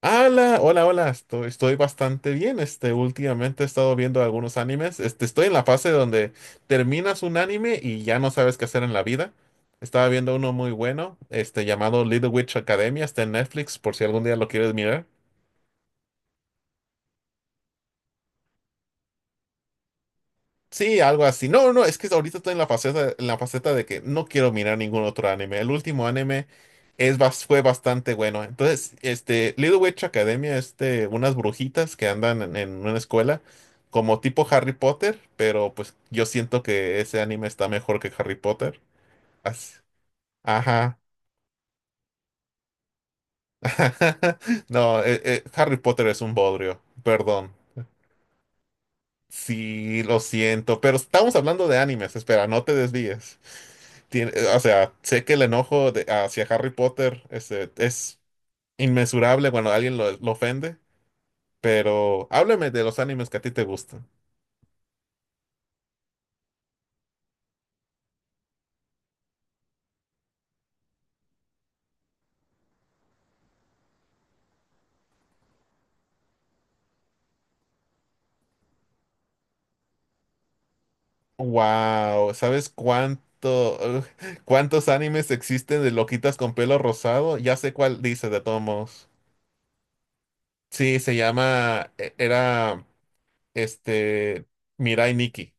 Hola, hola, hola, estoy bastante bien. Últimamente he estado viendo algunos animes. Estoy en la fase donde terminas un anime y ya no sabes qué hacer en la vida. Estaba viendo uno muy bueno, llamado Little Witch Academia, está en Netflix, por si algún día lo quieres mirar. Sí, algo así. No, no, es que ahorita estoy en la faceta, de que no quiero mirar ningún otro anime. El último anime fue bastante bueno. Entonces, Little Witch Academia, unas brujitas que andan en una escuela, como tipo Harry Potter, pero pues yo siento que ese anime está mejor que Harry Potter. Así- Ajá. No, Harry Potter es un bodrio, perdón. Sí, lo siento, pero estamos hablando de animes, espera, no te desvíes. O sea, sé que el enojo hacia Harry Potter es inmesurable cuando alguien lo ofende, pero háblame de los animes que a ti te gustan. Wow, ¿sabes cuántos animes existen de loquitas con pelo rosado? Ya sé cuál dice de todos modos. Sí, se llama, era, este, Mirai Nikki.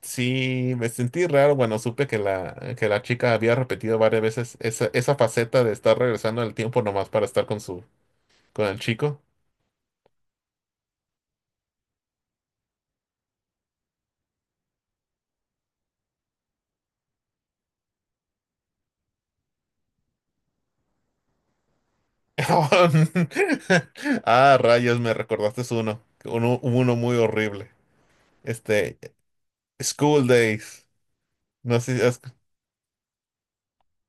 Sí, me sentí raro. Bueno, supe que la chica había repetido varias veces esa faceta de estar regresando el tiempo nomás para estar con el chico. Ah, rayos, me recordaste uno muy horrible. Este, School Days. No sé si has-.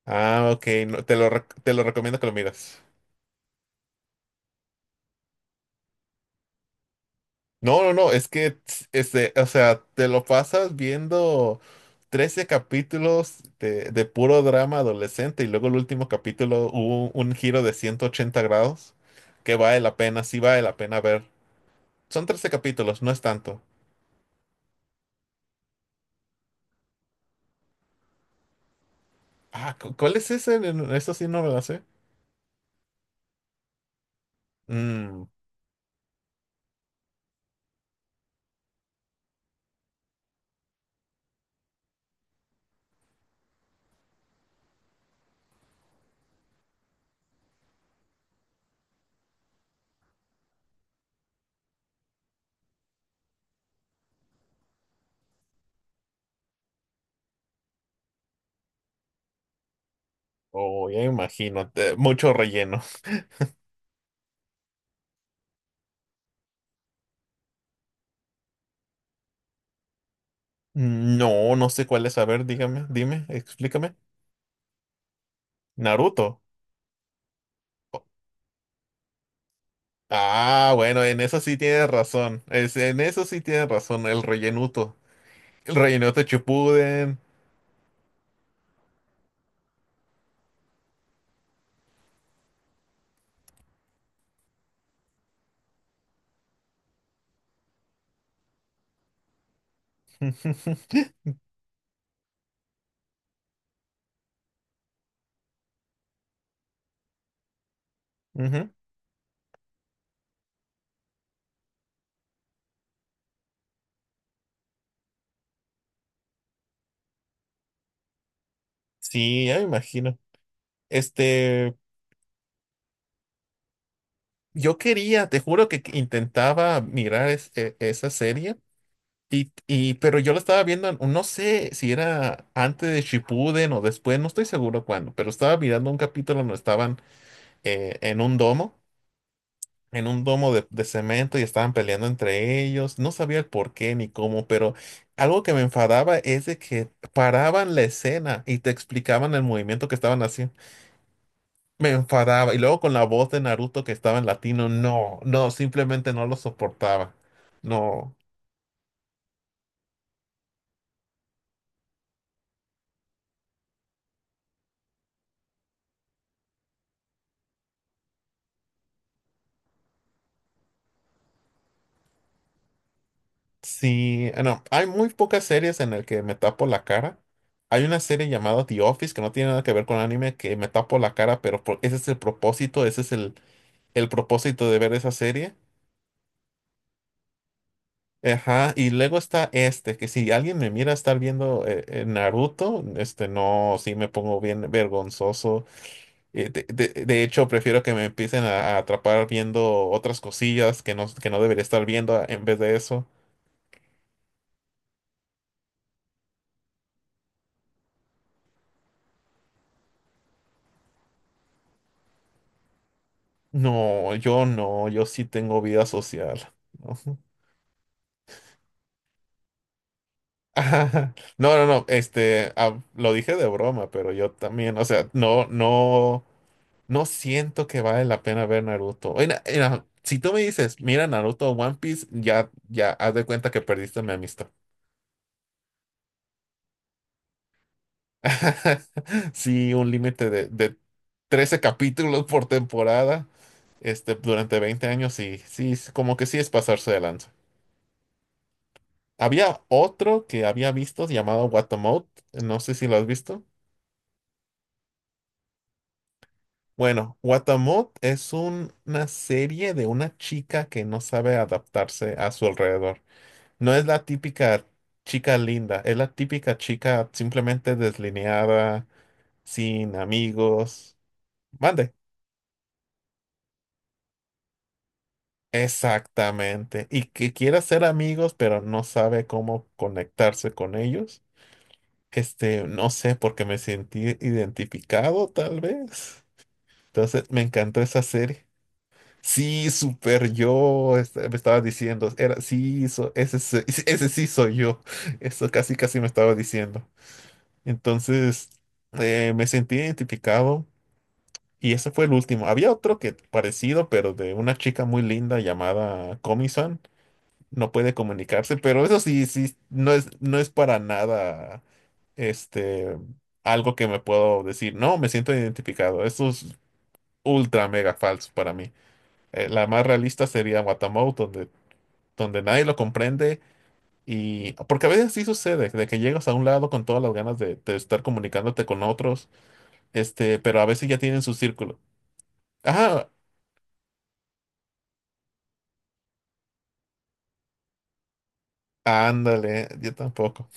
Ah, ok, no, te lo recomiendo que lo miras. No, no, no, es que, o sea, te lo pasas viendo 13 capítulos de puro drama adolescente y luego el último capítulo hubo un giro de 180 grados que vale la pena, sí vale la pena ver. Son 13 capítulos, no es tanto. Ah, ¿cuál es ese? Eso sí no me la sé. Mm, oh, ya imagino, mucho relleno. Mm, no, no sé cuál es, a ver, dígame, dime, explícame. Naruto. Ah, bueno, en eso sí tienes razón. En eso sí tienes razón, el rellenuto. El rellenuto chipuden. Ujú. Sí, ya me imagino. Este, yo quería, te juro que intentaba mirar esa serie, pero yo la estaba viendo, no sé si era antes de Shippuden o después, no estoy seguro cuándo, pero estaba mirando un capítulo donde estaban eh, en un domo en un domo de cemento y estaban peleando entre ellos. No sabía el por qué ni cómo, pero algo que me enfadaba es de que paraban la escena y te explicaban el movimiento que estaban haciendo. Me enfadaba. Y luego con la voz de Naruto que estaba en latino, no, no, simplemente no lo soportaba. No, sí, no. Hay muy pocas series en las que me tapo la cara. Hay una serie llamada The Office que no tiene nada que ver con anime, que me tapo la cara, pero ese es el propósito, ese es el propósito de ver esa serie. Ajá, y luego está este, que si alguien me mira estar viendo Naruto, no, sí me pongo bien vergonzoso. De de hecho, prefiero que me empiecen a atrapar viendo otras cosillas que no debería estar viendo en vez de eso. No, yo no, yo sí tengo vida social. Ujú. Ajá. No, no, no, lo dije de broma, pero yo también, o sea, no, no. No siento que vale la pena ver Naruto. Si tú me dices, mira Naruto o One Piece, ya haz de cuenta que perdiste mi amistad. Sí, un límite de 13 capítulos por temporada, durante 20 años, sí, sí, es como que sí es pasarse de lanza. Había otro que había visto llamado Watamote, no sé si lo has visto. Bueno, Watamote es una serie de una chica que no sabe adaptarse a su alrededor. No es la típica chica linda, es la típica chica simplemente deslineada, sin amigos. Mande. Exactamente. Y que quiere ser amigos, pero no sabe cómo conectarse con ellos. No sé, porque me sentí identificado, tal vez. Entonces, me encantó esa serie. Sí, super yo, me estaba diciendo, era, sí, ese sí soy yo. Eso casi, casi me estaba diciendo. Entonces me sentí identificado y ese fue el último. Había otro que parecido, pero de una chica muy linda llamada Comisan. No puede comunicarse, pero eso sí, sí, no es para nada este, algo que me puedo decir. No, me siento identificado. Eso es ultra mega falso para mí. La más realista sería Watamote, donde nadie lo comprende. Y porque a veces sí sucede, de que llegas a un lado con todas las ganas de estar comunicándote con otros. Pero a veces ya tienen su círculo. Ah, ándale, yo tampoco.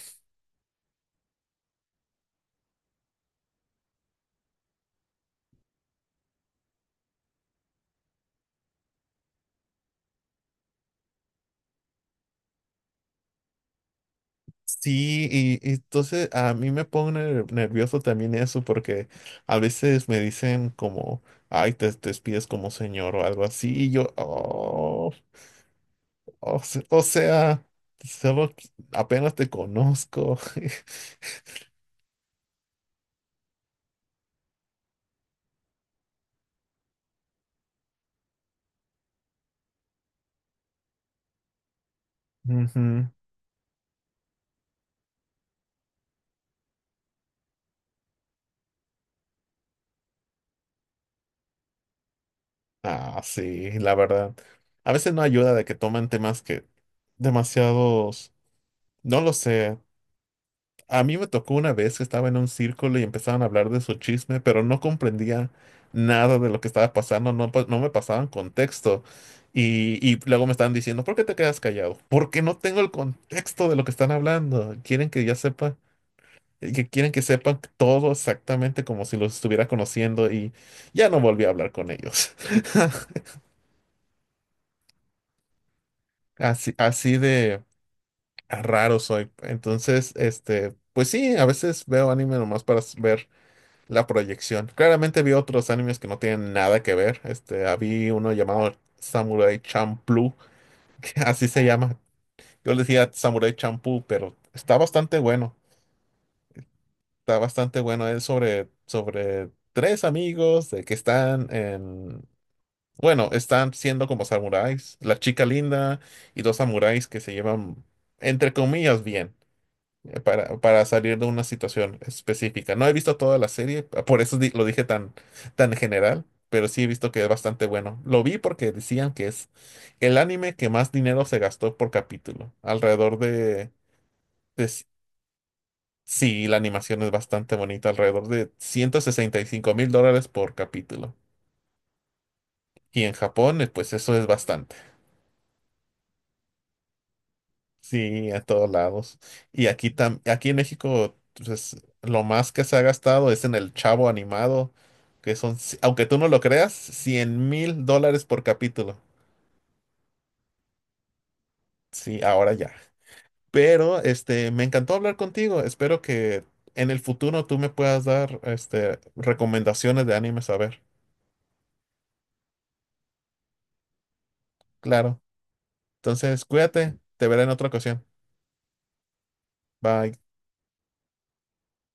Sí, y entonces a mí me pone nervioso también eso porque a veces me dicen como, ay, te despides como señor o algo así, y yo, "Oh, o sea, apenas te conozco." Ujú. Ah, sí, la verdad. A veces no ayuda de que toman temas que demasiados, no lo sé. A mí me tocó una vez que estaba en un círculo y empezaban a hablar de su chisme, pero no comprendía nada de lo que estaba pasando, no, no me pasaban contexto. Y luego me estaban diciendo, ¿por qué te quedas callado? Porque no tengo el contexto de lo que están hablando. Quieren que ya sepa, que quieren que sepan todo exactamente como si los estuviera conociendo y ya no volví a hablar con ellos. Así, así de raro soy. Entonces, pues sí, a veces veo anime nomás para ver la proyección. Claramente vi otros animes que no tienen nada que ver. Había uno llamado Samurai Champloo, que así se llama. Yo le decía Samurai Champloo, pero está bastante bueno. Está bastante bueno. Es sobre tres amigos de que están en... Bueno, están siendo como samuráis. La chica linda y dos samuráis que se llevan, entre comillas, bien. Para salir de una situación específica. No he visto toda la serie, por eso lo dije tan general, pero sí he visto que es bastante bueno. Lo vi porque decían que es el anime que más dinero se gastó por capítulo, alrededor de... de s- sí, la animación es bastante bonita, alrededor de $165,000 por capítulo. Y en Japón, pues eso es bastante. Sí, a todos lados. Y aquí, aquí en México, pues, lo más que se ha gastado es en el Chavo animado, que son, aunque tú no lo creas, $100,000 por capítulo. Sí, ahora ya. Pero, me encantó hablar contigo. Espero que en el futuro tú me puedas dar, recomendaciones de animes a ver. Claro. Entonces, cuídate. Te veré en otra ocasión. Bye.